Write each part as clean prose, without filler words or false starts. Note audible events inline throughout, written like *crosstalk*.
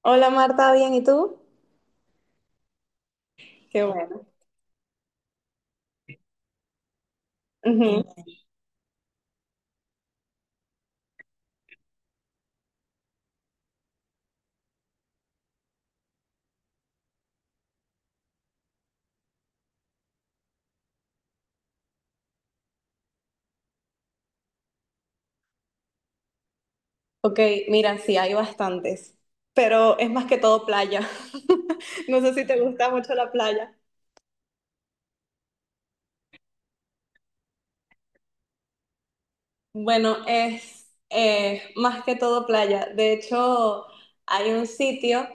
Hola Marta, ¿bien? ¿Y tú? Qué bueno. Ujú. Ok, mira, sí, hay bastantes, pero es más que todo playa. *laughs* No sé si te gusta mucho la playa. Bueno, es más que todo playa. De hecho, hay un sitio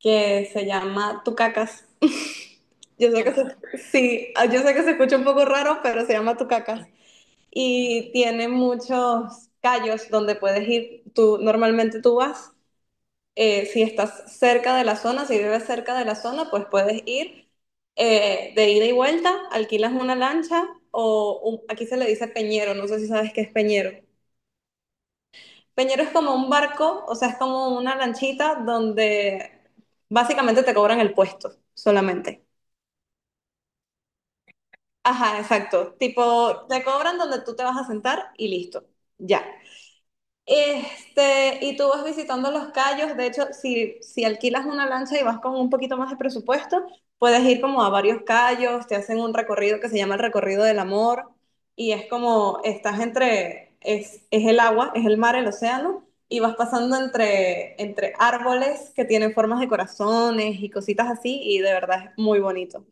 que se llama Tucacas. *laughs* Yo sé que se, sí, yo sé que se escucha un poco raro, pero se llama Tucacas. Y tiene muchos callos donde puedes ir. Normalmente tú vas. Si estás cerca de la zona, si vives cerca de la zona, pues puedes ir, de ida y vuelta. Alquilas una lancha o aquí se le dice peñero, no sé si sabes qué es peñero. Peñero es como un barco, o sea, es como una lanchita donde básicamente te cobran el puesto solamente. Ajá, exacto. Tipo, te cobran donde tú te vas a sentar y listo. Ya. Este, y tú vas visitando los cayos. De hecho, si alquilas una lancha y vas con un poquito más de presupuesto, puedes ir como a varios cayos, te hacen un recorrido que se llama el recorrido del amor, y es como estás entre, es el agua, es el mar, el océano, y vas pasando entre árboles que tienen formas de corazones y cositas así, y de verdad es muy bonito.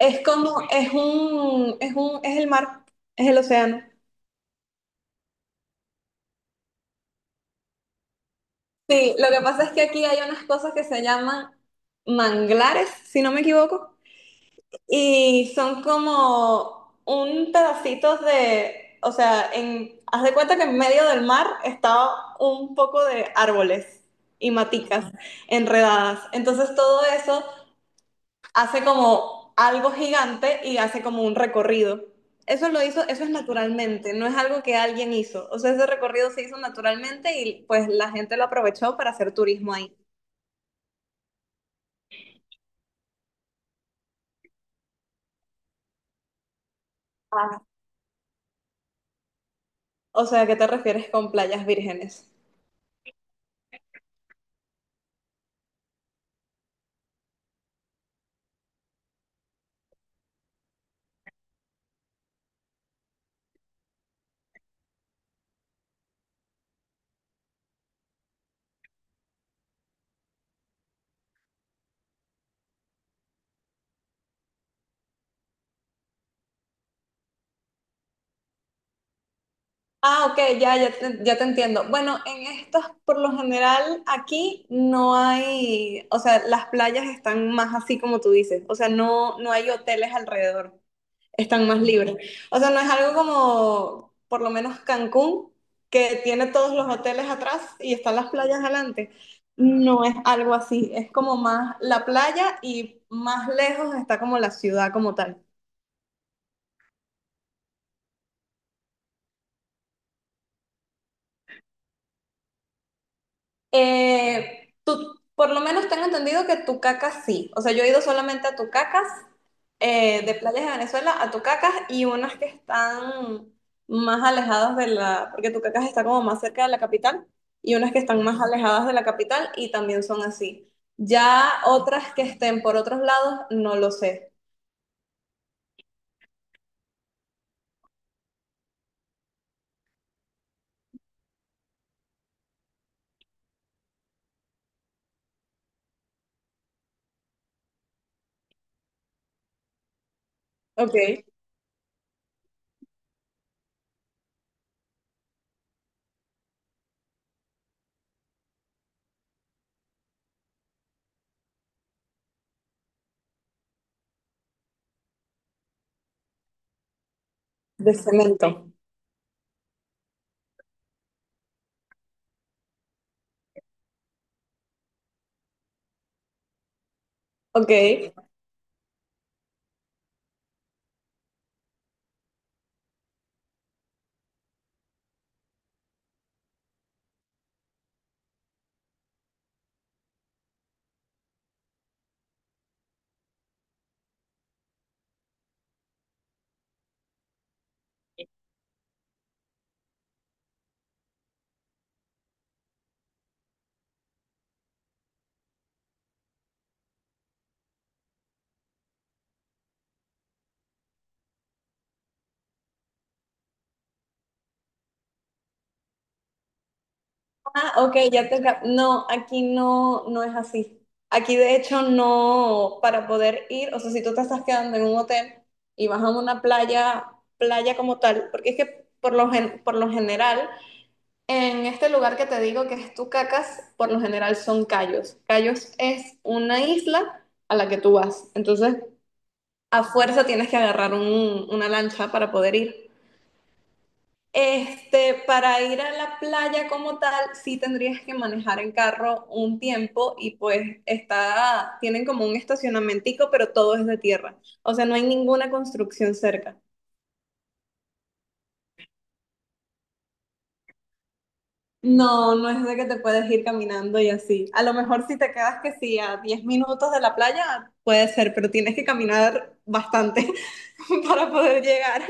Es como, es el mar, es el océano. Sí, lo que pasa es que aquí hay unas cosas que se llaman manglares, si no me equivoco, y son como un pedacito de, o sea, en, haz de cuenta que en medio del mar estaba un poco de árboles y maticas enredadas. Entonces todo eso hace como algo gigante y hace como un recorrido. Eso lo hizo, eso es naturalmente, no es algo que alguien hizo. O sea, ese recorrido se hizo naturalmente y pues la gente lo aprovechó para hacer turismo ahí. Ah, o sea, ¿a qué te refieres con playas vírgenes? Ah, ok, ya te entiendo. Bueno, en estas, por lo general, aquí no hay, o sea, las playas están más así como tú dices, o sea, no hay hoteles alrededor, están más libres. O sea, no es algo como, por lo menos Cancún, que tiene todos los hoteles atrás y están las playas adelante. No es algo así, es como más la playa y más lejos está como la ciudad como tal. Eh, tú, por lo menos tengo entendido que Tucacas sí. O sea, yo he ido solamente a Tucacas, de playas de Venezuela, a Tucacas y unas que están más alejadas de la, porque Tucacas está como más cerca de la capital, y unas que están más alejadas de la capital y también son así. Ya otras que estén por otros lados, no lo sé. Ok. De cemento. Ok. Ah, ok, No, aquí no, no es así. Aquí de hecho no. Para poder ir, o sea, si tú te estás quedando en un hotel y vas a una playa, playa como tal, porque es que por lo general, en este lugar que te digo que es Tucacas, por lo general son cayos. Cayos es una isla a la que tú vas, entonces a fuerza tienes que agarrar una lancha para poder ir. Este, para ir a la playa como tal, sí tendrías que manejar en carro un tiempo y pues está, tienen como un estacionamentico, pero todo es de tierra. O sea, no hay ninguna construcción cerca. No, no es de que te puedes ir caminando y así. A lo mejor si te quedas que sí a 10 minutos de la playa, puede ser, pero tienes que caminar bastante *laughs* para poder llegar.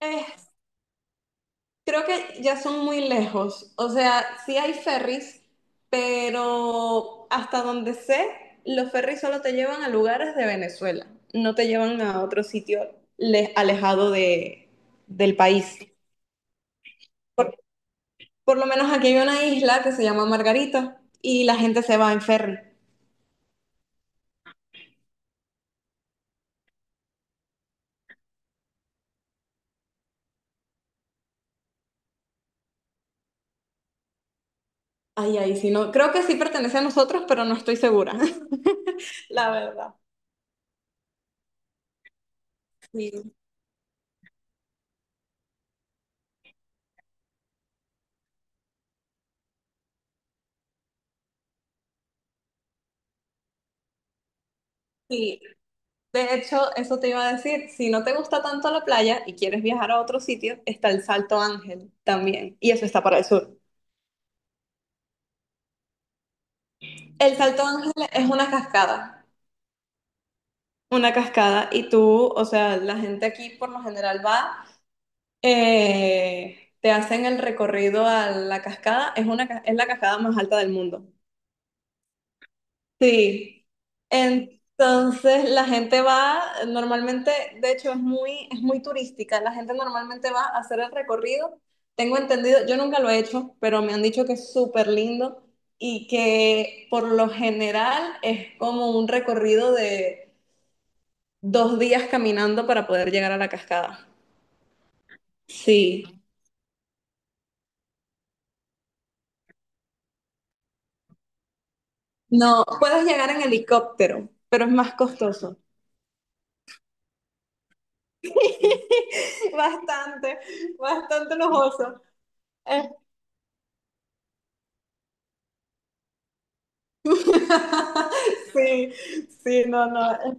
Ok. Creo que ya son muy lejos. O sea, sí hay ferries, pero hasta donde sé, los ferries solo te llevan a lugares de Venezuela, no te llevan a otro sitio alejado del país. Por, por lo menos aquí hay una isla que se llama Margarita y la gente se va en ferry. Ay, sí, no. Creo que sí pertenece a nosotros, pero no estoy segura, *laughs* la verdad. Sí, sí. De hecho, eso te iba a decir, si no te gusta tanto la playa y quieres viajar a otro sitio, está el Salto Ángel también, y eso está para el sur. El Salto Ángel es una cascada, y tú, o sea, la gente aquí por lo general va, te hacen el recorrido a la cascada, es una, es la cascada más alta del mundo. Sí, entonces la gente va, normalmente, de hecho es muy turística, la gente normalmente va a hacer el recorrido. Tengo entendido, yo nunca lo he hecho, pero me han dicho que es súper lindo y que por lo general es como un recorrido de 2 días caminando para poder llegar a la cascada. Sí, no, puedes llegar en helicóptero, pero es más costoso. *laughs* Bastante, bastante lujoso. *laughs* Sí, sí, no, no. es-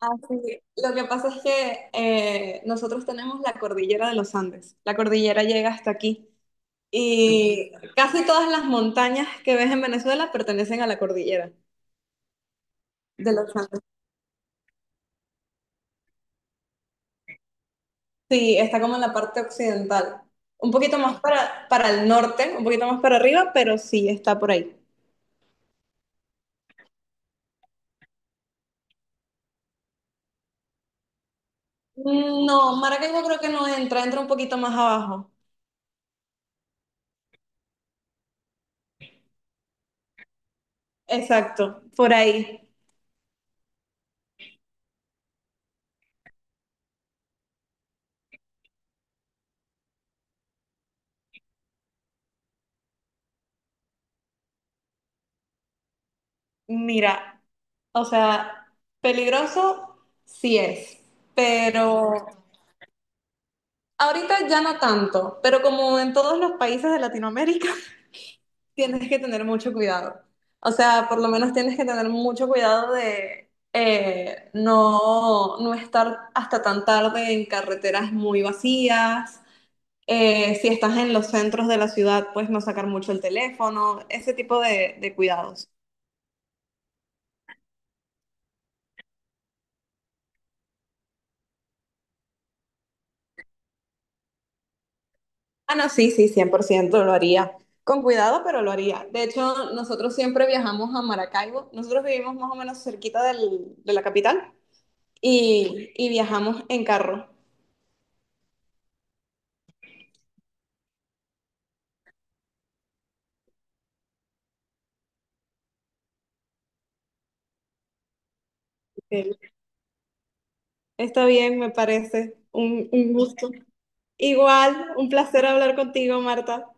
así. Lo que pasa es que nosotros tenemos la cordillera de los Andes. La cordillera llega hasta aquí. Y casi todas las montañas que ves en Venezuela pertenecen a la cordillera de los Andes. Sí, está como en la parte occidental. Un poquito más para el norte, un poquito más para arriba, pero sí, está por ahí. No, Maracaibo creo que no entra, entra un poquito más abajo. Exacto, por ahí. Mira. O sea, peligroso sí es, pero ahorita ya no tanto, pero como en todos los países de Latinoamérica, *laughs* tienes que tener mucho cuidado. O sea, por lo menos tienes que tener mucho cuidado de no, no estar hasta tan tarde en carreteras muy vacías. Si estás en los centros de la ciudad, pues no sacar mucho el teléfono, ese tipo de cuidados. Ah, no, sí, sí, 100% lo haría. Con cuidado, pero lo haría. De hecho, nosotros siempre viajamos a Maracaibo. Nosotros vivimos más o menos cerquita de la capital y viajamos en carro. Ok. Está bien, me parece. Un gusto. Igual, un placer hablar contigo, Marta.